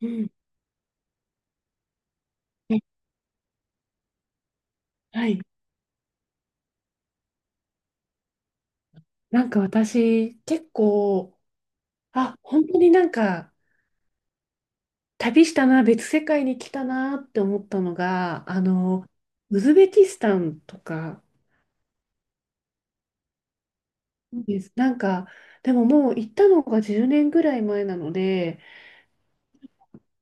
うんえはい。なんか私、結構、あ、本当になんか、旅したな、別世界に来たなって思ったのが、ウズベキスタンとかです。なんか、でももう行ったのが10年ぐらい前なので、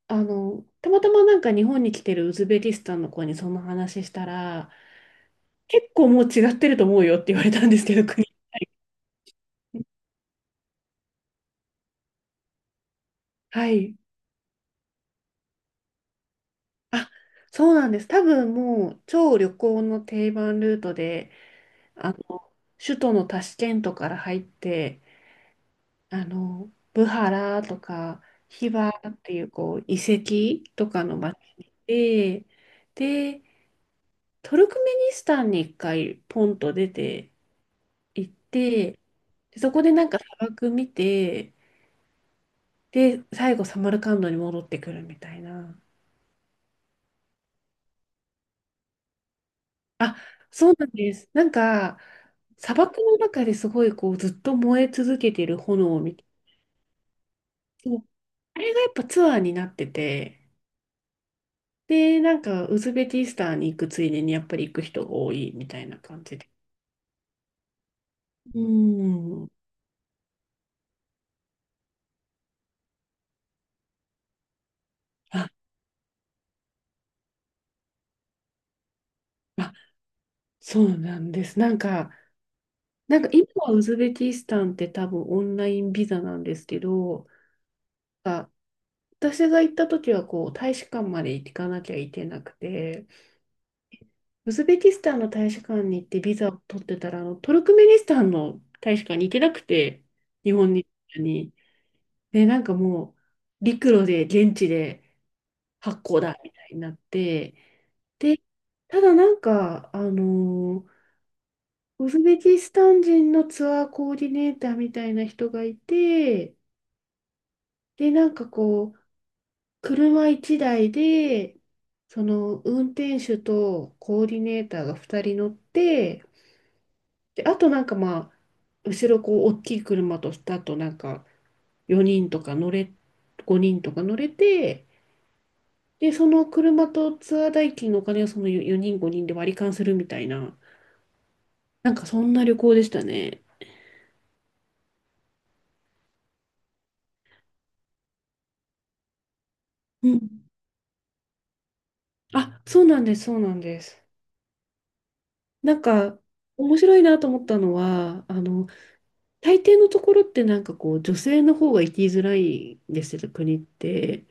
たまたまなんか日本に来てるウズベキスタンの子にその話したら、結構もう違ってると思うよって言われたんですけど、国。はい。あ、そうなんです。多分もう超旅行の定番ルートで、あの、首都のタシケントから入って、ブハラとか、ヒバっていう、こう、遺跡とかの街に行って、で、トルクメニスタンに一回ポンと出て行って、でそこでなんか砂漠見て、で、最後サマルカンドに戻ってくるみたいな。あ、そうなんです。なんか、砂漠の中ですごいこうずっと燃え続けてる炎を見て、そう、あれがやっぱツアーになってて、で、なんか、ウズベキスタンに行くついでに、やっぱり行く人が多いみたいな感じで。うん。あ、あ、そうなんです。なんか今はウズベキスタンって多分オンラインビザなんですけど、あ、私が行った時はこう大使館まで行かなきゃいけなくて、ウズベキスタンの大使館に行ってビザを取ってたら、トルクメニスタンの大使館に行けなくて、日本に行ったのに。で、なんかもう陸路で現地で発行だみたいになって、で、ただなんか、ウズベキスタン人のツアーコーディネーターみたいな人がいて、で、なんかこう、車1台で、その運転手とコーディネーターが2人乗って、で、あとなんかまあ、後ろこう、大きい車と、だとなんか4人とか乗れ、5人とか乗れて、で、その車とツアー代金のお金をその4人5人で割り勘するみたいな、なんかそんな旅行でしたね。うん。あ、そうなんです、そうなんです。なんか面白いなと思ったのは、大抵のところってなんかこう、女性の方が生きづらいんですけど、国って。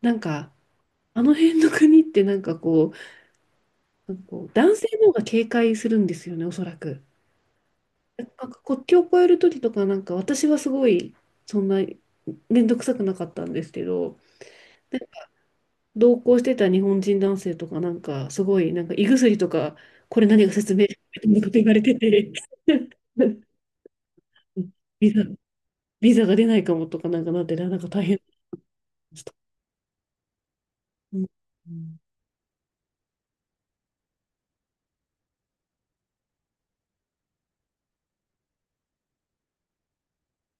なんか、あの辺の国ってなんかこう男性の方が警戒するんですよね、おそらく。なんか国境を越える時とか、なんか私はすごい、そんな、面倒くさくなかったんですけど、同行してた日本人男性とか、なんか、すごい、なんか、胃薬とか、これ何が説明書みたいなこと言われてて、ビザ、ビザが出ないかもとか、なんかなって、なんか大変でした。うんうん、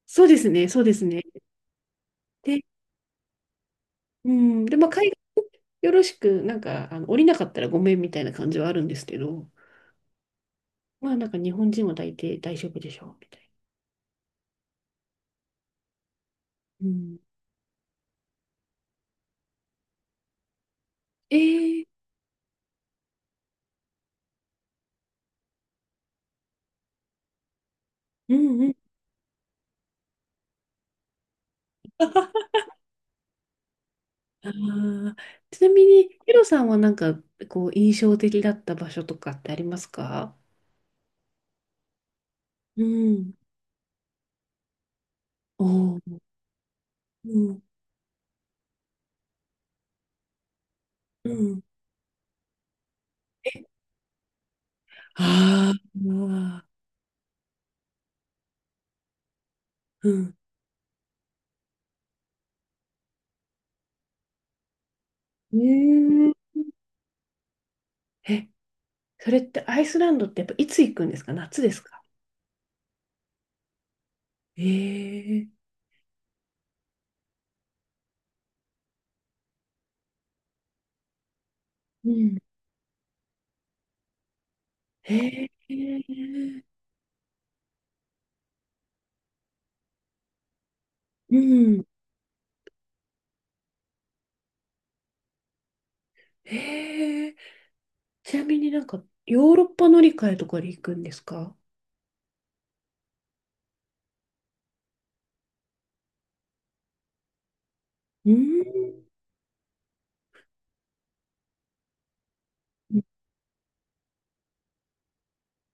そうですね、そうですね。で、うん、で、まあ、海外よろしく、なんか、降りなかったらごめんみたいな感じはあるんですけど、まあ、なんか、日本人は大抵大丈夫でしょう、みたいな。うん、えー、うんうん。あーちなみに、ヒロさんはなんか、こう、印象的だった場所とかってありますか？うん、おー、うん、うん。ああ、うん。うん、え、それってアイスランドってやっぱいつ行くんですか？夏ですか？ええ、うん、ええ、うん。ええ、ちなみになんか、ヨーロッパ乗り換えとかで行くんですか？うん、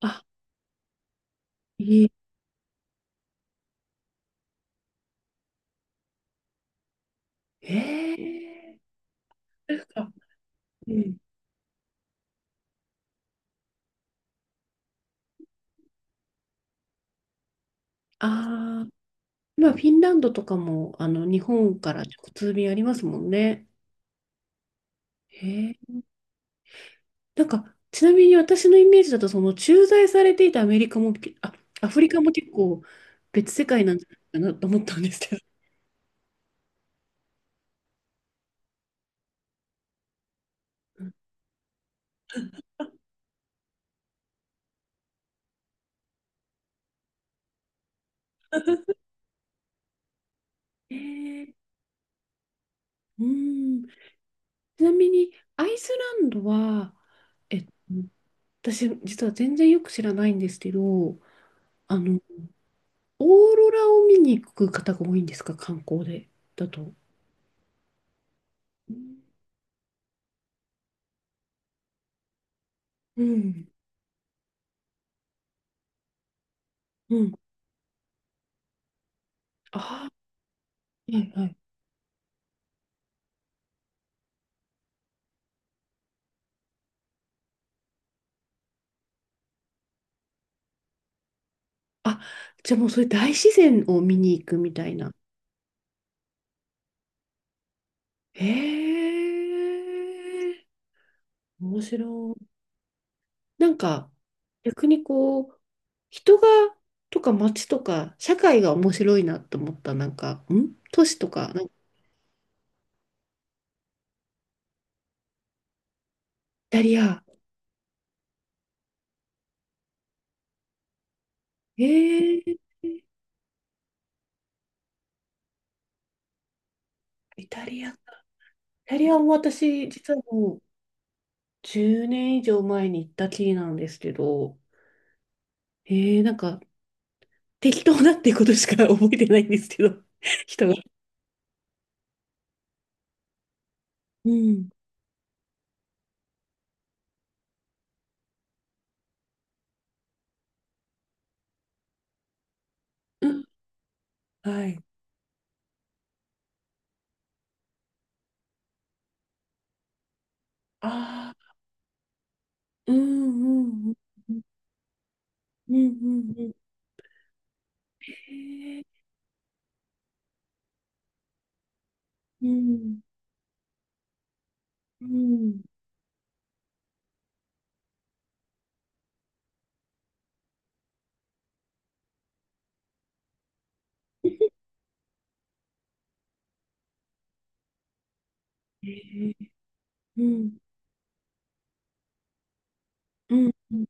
あ、いい。えー、うん。ああ、今フィンランドとかも、日本から直通便ありますもんね。へえ。なんか、ちなみに私のイメージだと、その駐在されていたアメリカも、あ、アフリカも結構別世界なんじゃないかなと思ったんですけど。へえ。うん。ちなみに、アイスランドは、えっと、私、実は全然よく知らないんですけど、あの、オーロラを見に行く方が多いんですか、観光で、だと。うん。うん。あ、はいはい。あ、じゃあもうそれ大自然を見に行くみたいな。へえ、面白い。なんか、逆にこう、人が、とか街とか、社会が面白いなと思った。なんか、都市とか、なんかイタリア。へえ、イタリアか。イタリアも私、実はもう10年以上前に行ったきりなんですけど、なんか適当だってことしか覚えてないんですけど、人が。うんうん。はい。ああ、うんうんうんうんうんうん。へえ、うんうん、へえ、うんうんうん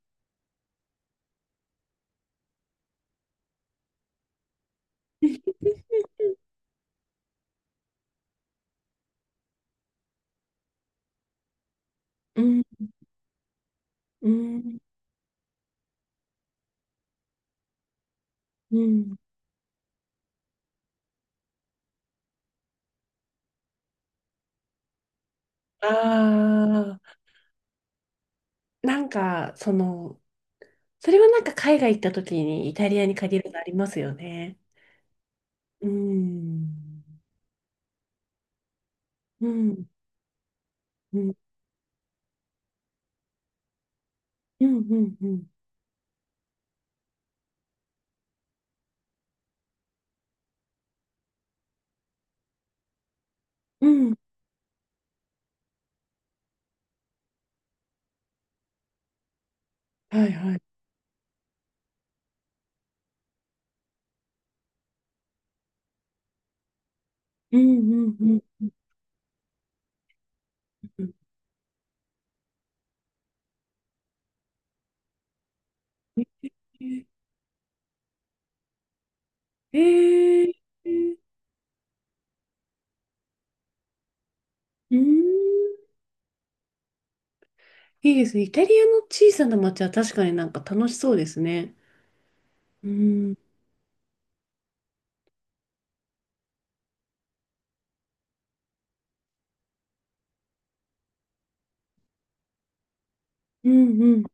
うんうんうん、ああ、なんか、それはなんか海外行った時にイタリアに限るのありますよね。うん。うん。うん。うん。うん。うん。うん、はいはい。うん。うん。うん。うん、えー、えー、うん。いいですね。イタリアの小さな町は確かになんか楽しそうですね。うん、うん、うん。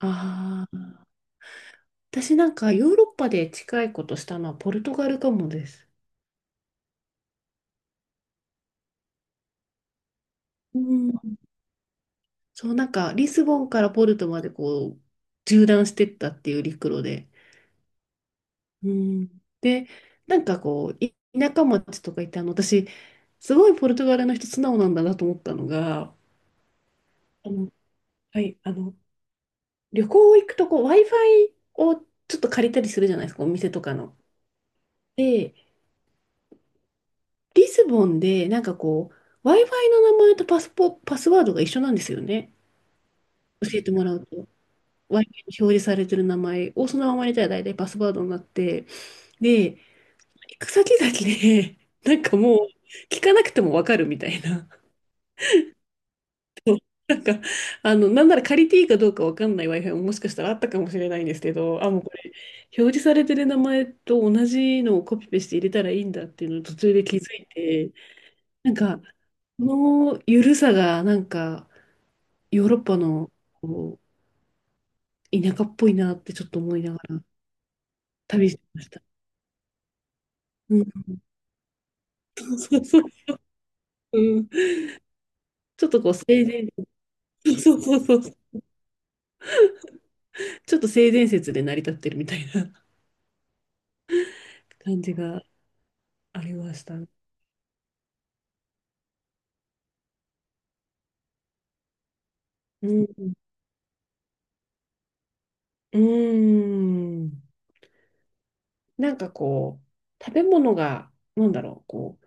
ああ、私なんかヨーロッパで近いことしたのはポルトガルかもです。うん。そう、なんかリスボンからポルトまでこう、縦断してったっていう陸路で。うん。で、なんかこう、田舎町とか行って、私、すごいポルトガルの人素直なんだなと思ったのが、あの、はい、旅行行くとこう、Wi-Fi をちょっと借りたりするじゃないですか、お店とかの。で、リスボンで、なんかこう、Wi-Fi の名前とパスワードが一緒なんですよね。教えてもらうと。Wi-Fi に表示されてる名前をそのまま入れたら大体パスワードになって、で、行く先々で、なんかもう、聞かなくてもわかるみたいな。なんか、なんなら借りていいかどうかわかんない Wi-Fi ももしかしたらあったかもしれないんですけど、あ、もうこれ、表示されてる名前と同じのをコピペして入れたらいいんだっていうのを途中で気づいて、なんか、この緩さがなんか、ヨーロッパのこう田舎っぽいなってちょっと思いながら旅してました。うん、そうそう、うん、ちょっとこう性善、そうそうそう、ちょっと性善説で成り立ってるみたいな感じがありました。うん、うーん、なんかこう、食べ物が、なんだろう、こう、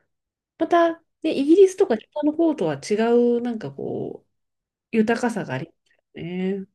また、ね、イギリスとか北の方とは違う、なんかこう、豊かさがありますよね。